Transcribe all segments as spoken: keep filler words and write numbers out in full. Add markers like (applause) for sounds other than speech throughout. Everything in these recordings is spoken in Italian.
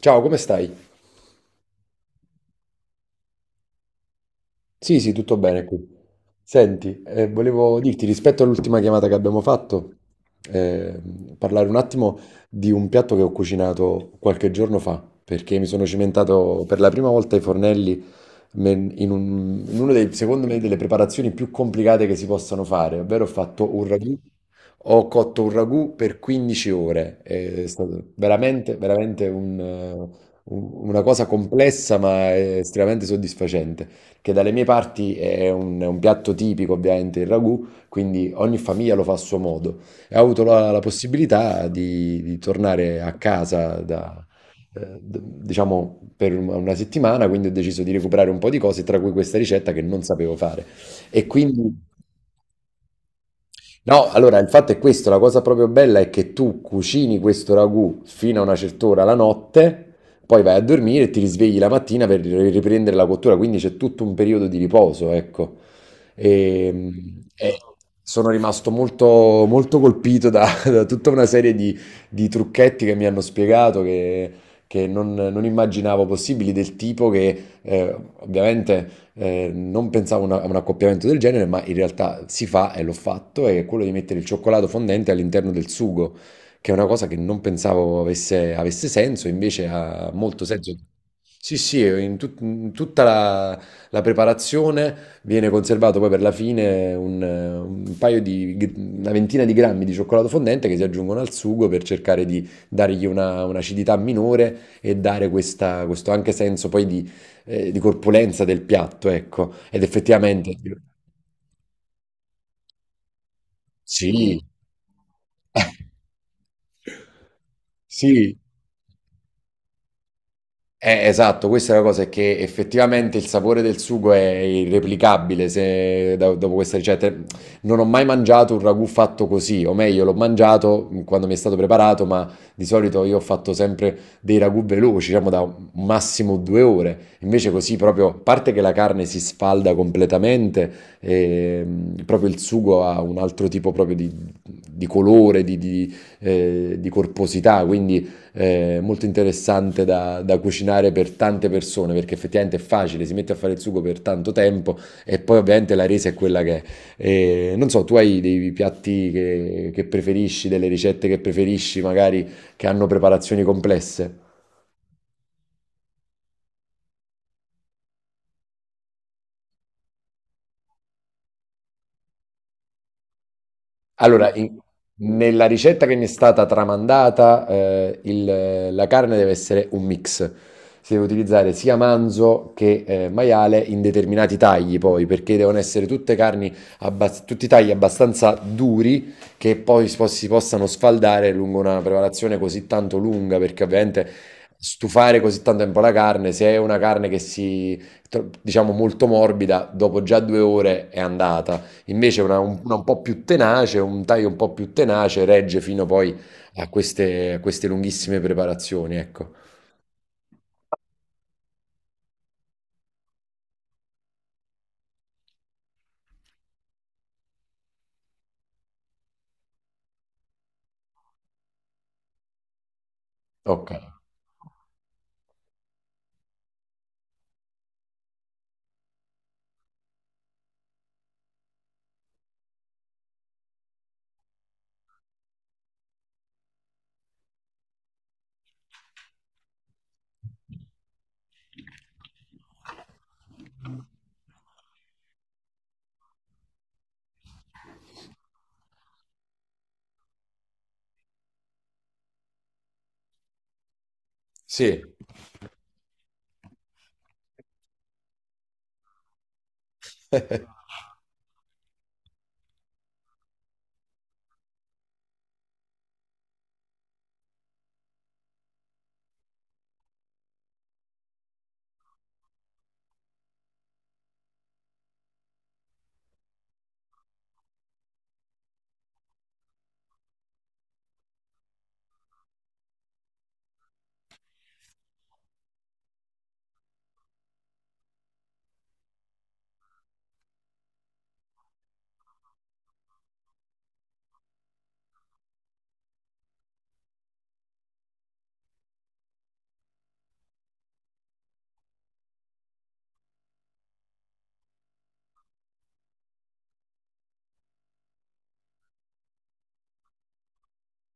Ciao, come stai? Sì, sì, tutto bene qui. Senti, eh, volevo dirti rispetto all'ultima chiamata che abbiamo fatto, eh, parlare un attimo di un piatto che ho cucinato qualche giorno fa, perché mi sono cimentato per la prima volta ai fornelli me- in, un- in uno dei, secondo me, delle preparazioni più complicate che si possano fare, ovvero ho fatto un ragù, ho cotto un ragù per quindici ore, è stato veramente, veramente un, eh, un- una cosa complessa ma eh, estremamente soddisfacente, che dalle mie parti è un, è un piatto tipico, ovviamente, il ragù, quindi ogni famiglia lo fa a suo modo e ho avuto la, la possibilità di, di tornare a casa da, eh, d- diciamo per un- una settimana, quindi ho deciso di recuperare un po' di cose, tra cui questa ricetta che non sapevo fare. E quindi, no, allora il fatto è questo, la cosa proprio bella è che tu cucini questo ragù fino a una certa ora la notte, poi vai a dormire e ti risvegli la mattina per riprendere la cottura, quindi c'è tutto un periodo di riposo, ecco. E, mh, e sono rimasto molto, molto colpito da, (laughs) da tutta una serie di, di trucchetti che mi hanno spiegato che, che non, non immaginavo possibili, del tipo che eh, ovviamente eh, non pensavo una- a un accoppiamento del genere, ma in realtà si fa e l'ho fatto, è quello di mettere il cioccolato fondente all'interno del sugo, che è una cosa che non pensavo avesse, avesse senso, invece ha molto senso. Sì, sì, in, tut- in tutta la, la preparazione. Viene conservato poi per la fine un, un paio di, una ventina di grammi di cioccolato fondente che si aggiungono al sugo per cercare di dargli una, un'acidità minore e dare questa- questo anche senso poi di, eh, di corpulenza del piatto, ecco. Ed effettivamente, sì, (laughs) sì, eh, esatto, questa è la cosa, è che effettivamente il sapore del sugo è irreplicabile se, da- dopo questa ricetta. Non ho mai mangiato un ragù fatto così, o meglio, l'ho mangiato quando mi è stato preparato, ma di solito io ho fatto sempre dei ragù veloci, diciamo da un massimo due ore. Invece così proprio, a parte che la carne si sfalda completamente, ehm, proprio il sugo ha un altro tipo proprio di, di colore, di, di, eh, di corposità, quindi eh, molto interessante da, da cucinare per tante persone perché effettivamente è facile, si mette a fare il sugo per tanto tempo e poi ovviamente la resa è quella che è. E, non so, tu hai dei piatti che, che preferisci, delle ricette che preferisci, magari che hanno preparazioni complesse? Allora, in- Nella ricetta che mi è stata tramandata, eh, il- la carne deve essere un mix. Si deve utilizzare sia manzo che eh, maiale in determinati tagli, poi, perché devono essere tutte carni, abbas- tutti tagli abbastanza duri che poi si, po- si possano sfaldare lungo una preparazione così tanto lunga, perché ovviamente stufare così tanto tempo la carne, se è una carne che si, tro- diciamo, molto morbida, dopo già due ore è andata. Invece una, un una un po' più tenace, un taglio un po' più tenace regge fino poi a queste, a queste lunghissime preparazioni, ecco. Ok, sì, (laughs)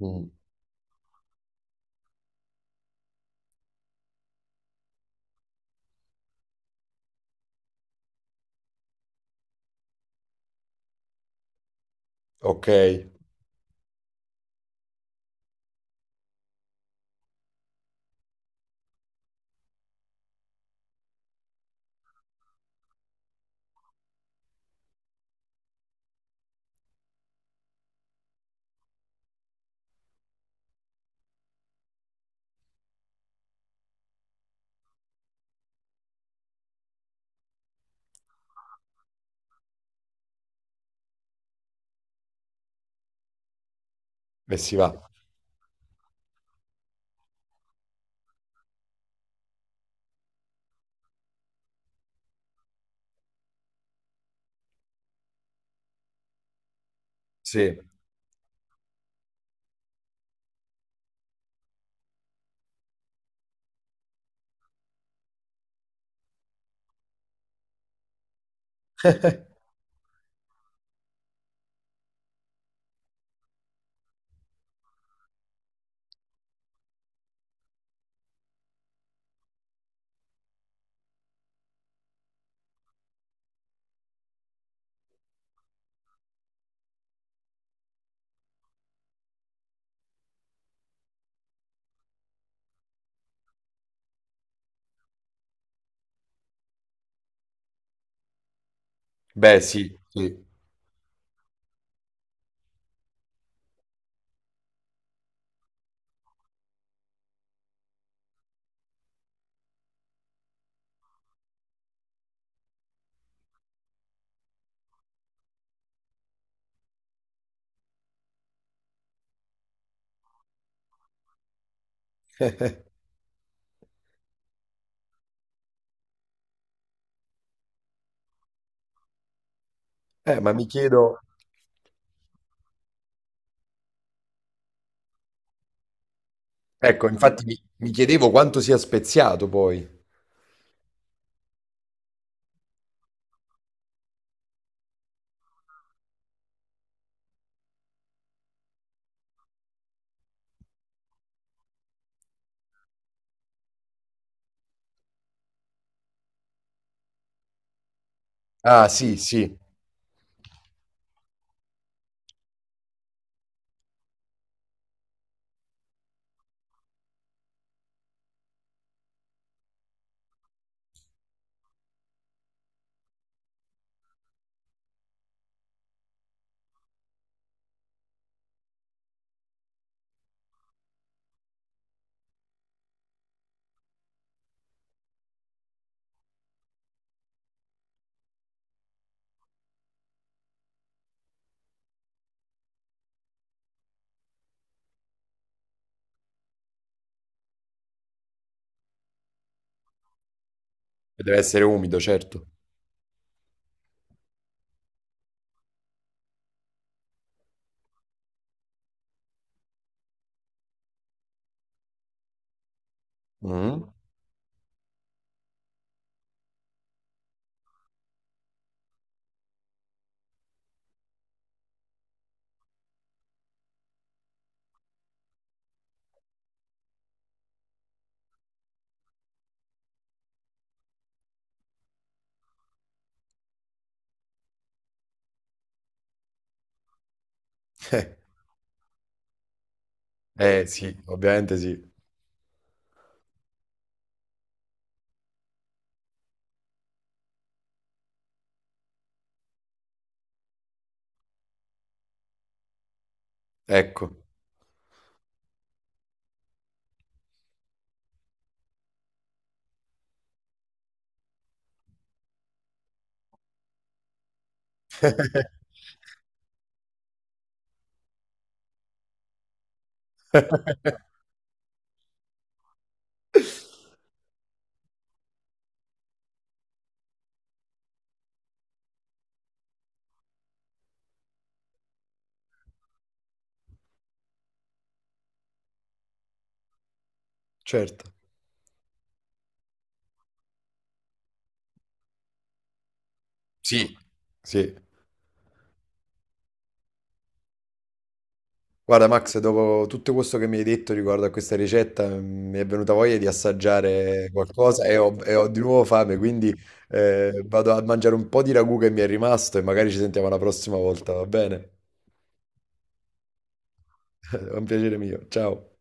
mm, ok, e si va. Sì, beh sì, sì. Eh, ma mi chiedo, ecco, infatti mi, mi chiedevo quanto sia speziato poi. Ah sì, sì, e deve essere umido, certo. Mm. (laughs) Eh sì, ovviamente sì, ecco, certo. Sì, sì. Guarda Max, dopo tutto questo che mi hai detto riguardo a questa ricetta, mm, mi è venuta voglia di assaggiare qualcosa e ho, e ho di nuovo fame, quindi eh, vado a mangiare un po' di ragù che mi è rimasto e magari ci sentiamo la prossima volta, va bene? (laughs) È un piacere mio, ciao.